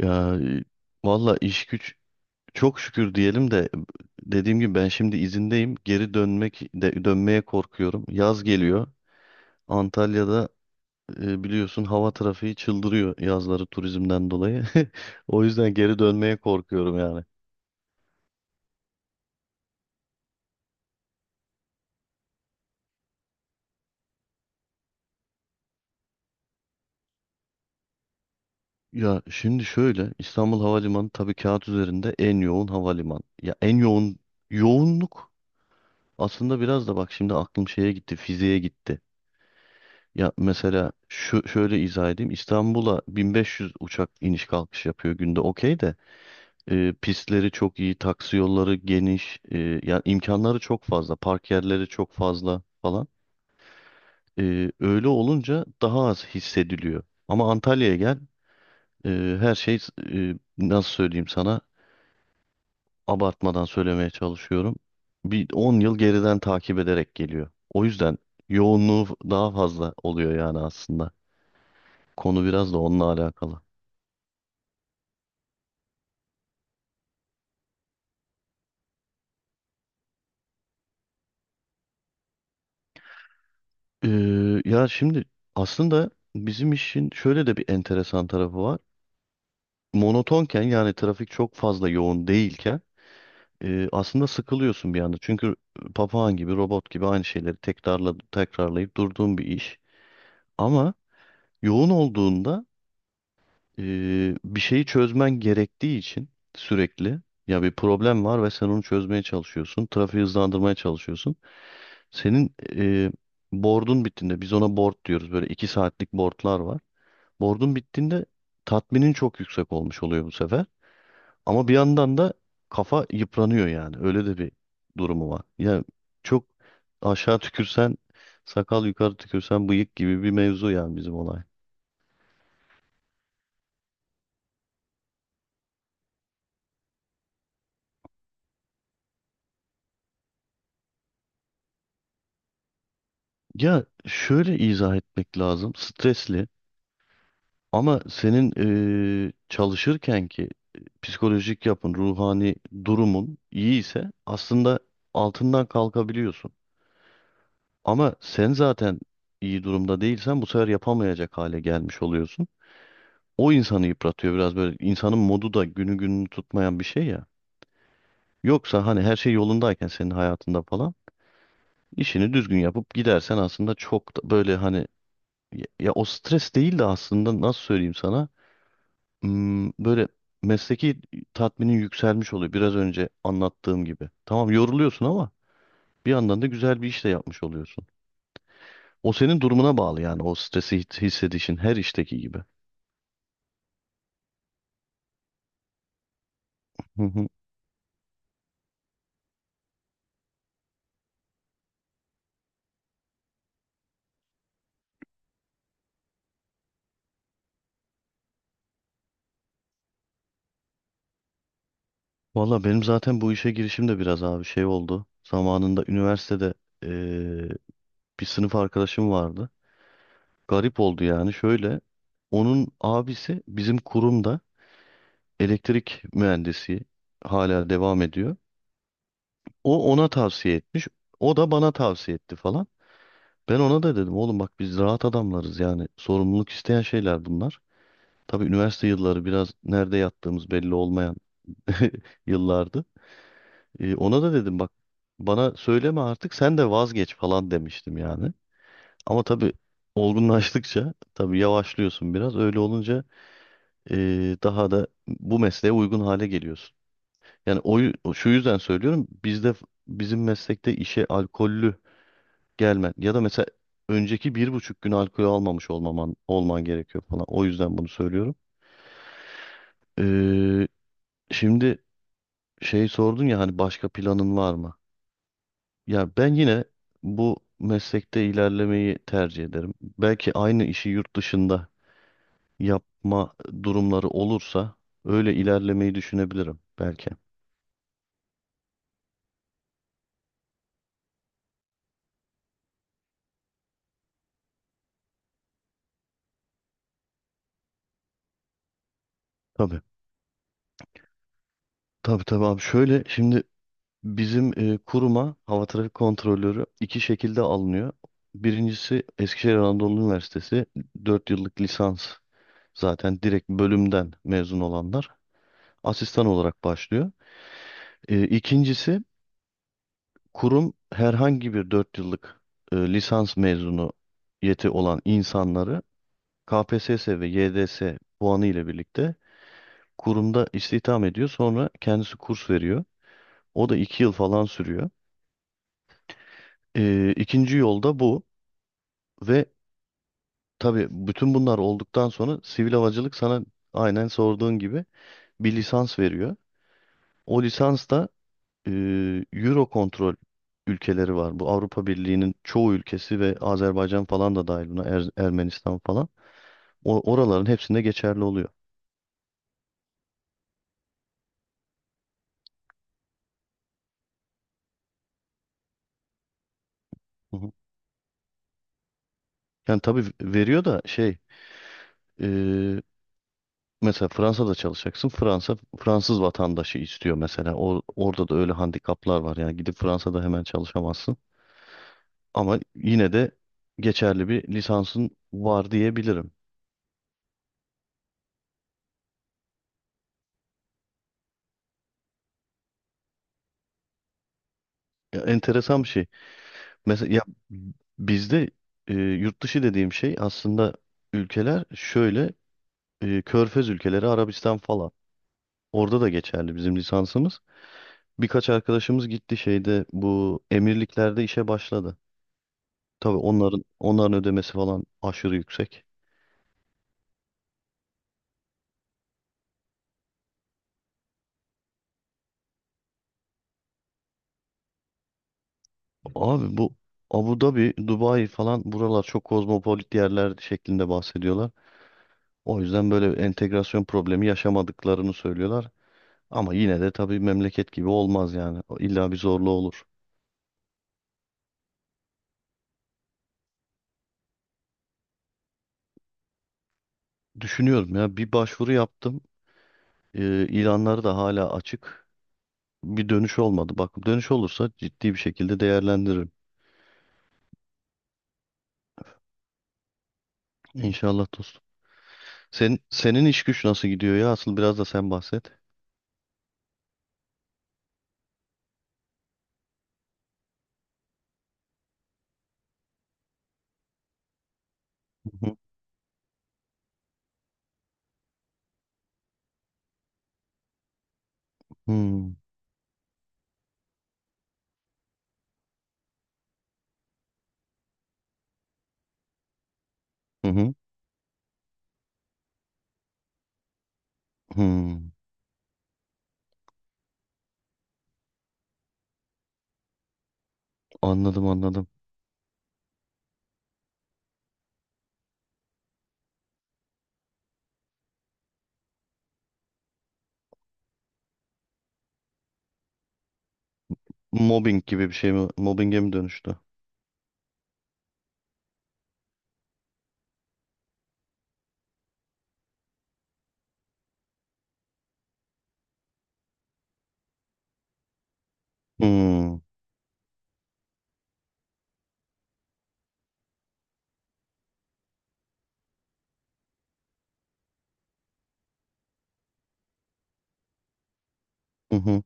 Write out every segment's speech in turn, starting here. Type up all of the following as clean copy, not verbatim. Ya valla iş güç, çok şükür diyelim de dediğim gibi ben şimdi izindeyim. Geri dönmek de, dönmeye korkuyorum. Yaz geliyor. Antalya'da biliyorsun hava trafiği çıldırıyor yazları turizmden dolayı. O yüzden geri dönmeye korkuyorum yani. Ya şimdi şöyle, İstanbul Havalimanı tabii kağıt üzerinde en yoğun havaliman. Ya en yoğun yoğunluk aslında, biraz da bak şimdi aklım şeye gitti, fiziğe gitti. Ya mesela şu şöyle izah edeyim. İstanbul'a 1500 uçak iniş kalkış yapıyor günde. Okey de pistleri çok iyi, taksi yolları geniş, yani imkanları çok fazla, park yerleri çok fazla falan. Öyle olunca daha az hissediliyor. Ama Antalya'ya gel, e, her şey, nasıl söyleyeyim sana, abartmadan söylemeye çalışıyorum. Bir 10 yıl geriden takip ederek geliyor. O yüzden yoğunluğu daha fazla oluyor yani aslında. Konu biraz da onunla alakalı. Ya şimdi aslında bizim işin şöyle de bir enteresan tarafı var. Monotonken, yani trafik çok fazla yoğun değilken, aslında sıkılıyorsun bir anda. Çünkü papağan gibi, robot gibi aynı şeyleri tekrarla, tekrarlayıp durduğun bir iş. Ama yoğun olduğunda, e, bir şeyi çözmen gerektiği için sürekli, ya bir problem var ve sen onu çözmeye çalışıyorsun. Trafiği hızlandırmaya çalışıyorsun. Senin board'un bittiğinde, biz ona board diyoruz. Böyle 2 saatlik boardlar var. Bordun bittiğinde tatminin çok yüksek olmuş oluyor bu sefer. Ama bir yandan da kafa yıpranıyor yani. Öyle de bir durumu var. Yani çok, aşağı tükürsen sakal yukarı tükürsen bıyık gibi bir mevzu yani bizim olay. Ya şöyle izah etmek lazım. Stresli, ama senin çalışırken ki psikolojik yapın, ruhani durumun iyi ise aslında altından kalkabiliyorsun. Ama sen zaten iyi durumda değilsen bu sefer yapamayacak hale gelmiş oluyorsun. O insanı yıpratıyor biraz böyle. İnsanın modu da günü gününü tutmayan bir şey ya. Yoksa hani her şey yolundayken senin hayatında falan, işini düzgün yapıp gidersen aslında çok da böyle hani, ya, ya o stres değil de aslında nasıl söyleyeyim sana. Hmm, böyle mesleki tatminin yükselmiş oluyor biraz önce anlattığım gibi. Tamam, yoruluyorsun ama bir yandan da güzel bir iş de yapmış oluyorsun. O senin durumuna bağlı, yani o stresi hissedişin her işteki gibi. Hı hı. Valla benim zaten bu işe girişim de biraz abi şey oldu. Zamanında üniversitede eee, bir sınıf arkadaşım vardı. Garip oldu yani şöyle. Onun abisi bizim kurumda elektrik mühendisi, hala devam ediyor. O ona tavsiye etmiş. O da bana tavsiye etti falan. Ben ona da dedim oğlum bak biz rahat adamlarız, yani sorumluluk isteyen şeyler bunlar. Tabii üniversite yılları biraz nerede yattığımız belli olmayan yıllardı. Ona da dedim bak, bana söyleme artık sen de vazgeç falan demiştim yani. Ama tabii olgunlaştıkça tabii yavaşlıyorsun biraz. Öyle olunca daha da bu mesleğe uygun hale geliyorsun. Yani şu yüzden söylüyorum, bizde bizim meslekte işe alkollü gelmen ya da mesela önceki 1,5 gün alkol almamış olmaman olman gerekiyor falan. O yüzden bunu söylüyorum. E, Şimdi şey sordun ya hani başka planın var mı? Ya ben yine bu meslekte ilerlemeyi tercih ederim. Belki aynı işi yurt dışında yapma durumları olursa öyle ilerlemeyi düşünebilirim belki. Tabii. Tabii tabii abi. Şöyle şimdi, bizim kuruma hava trafik kontrolörü 2 şekilde alınıyor. Birincisi Eskişehir Anadolu Üniversitesi 4 yıllık lisans, zaten direkt bölümden mezun olanlar asistan olarak başlıyor. İkincisi, kurum herhangi bir 4 yıllık lisans mezunu yeti olan insanları KPSS ve YDS puanı ile birlikte kurumda istihdam ediyor. Sonra kendisi kurs veriyor. O da 2 yıl falan sürüyor. İkinci yolda bu. Ve tabii bütün bunlar olduktan sonra sivil havacılık sana aynen sorduğun gibi bir lisans veriyor. O lisans da e, Eurocontrol ülkeleri var. Bu Avrupa Birliği'nin çoğu ülkesi ve Azerbaycan falan da dahil buna, Ermenistan falan. Oraların hepsinde geçerli oluyor. Hı hı. Yani tabii veriyor da şey, e, mesela Fransa'da çalışacaksın. Fransa Fransız vatandaşı istiyor mesela. Orada da öyle handikaplar var. Yani gidip Fransa'da hemen çalışamazsın. Ama yine de geçerli bir lisansın var diyebilirim. Ya, enteresan bir şey. Mesela ya bizde yurt dışı dediğim şey aslında, ülkeler şöyle: Körfez ülkeleri, Arabistan falan. Orada da geçerli bizim lisansımız. Birkaç arkadaşımız gitti şeyde, bu emirliklerde işe başladı. Tabii onların ödemesi falan aşırı yüksek. Abi bu Abu Dhabi, Dubai falan buralar çok kozmopolit yerler şeklinde bahsediyorlar. O yüzden böyle entegrasyon problemi yaşamadıklarını söylüyorlar. Ama yine de tabii memleket gibi olmaz yani. İlla bir zorluğu olur. Düşünüyorum ya, bir başvuru yaptım. İlanları da hala açık. Bir dönüş olmadı. Bak dönüş olursa ciddi bir şekilde değerlendiririm. İnşallah dostum. Senin iş güç nasıl gidiyor ya? Asıl biraz da sen bahset. Hı hı. Hmm, hı hı, hmm. Anladım anladım. Mobbing gibi bir şey mi? Mobbinge mi dönüştü? Hmm, hı hı.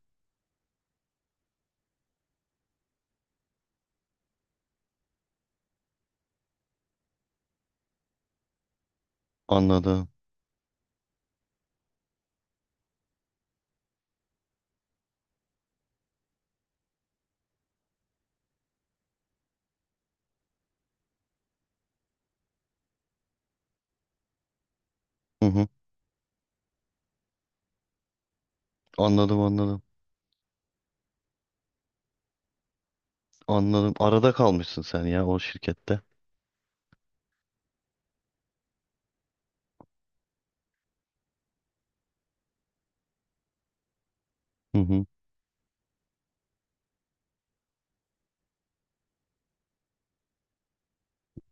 Anladım. Hı hı. Anladım anladım. Anladım. Arada kalmışsın sen ya o şirkette. Hı hı.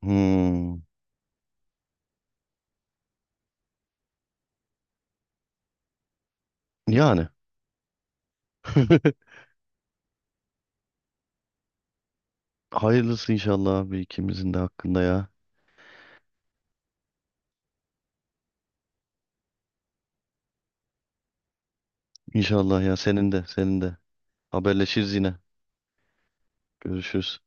Hmm. Yani. Hayırlısı inşallah abi, ikimizin de hakkında ya. İnşallah ya, senin de senin de. Haberleşiriz yine. Görüşürüz.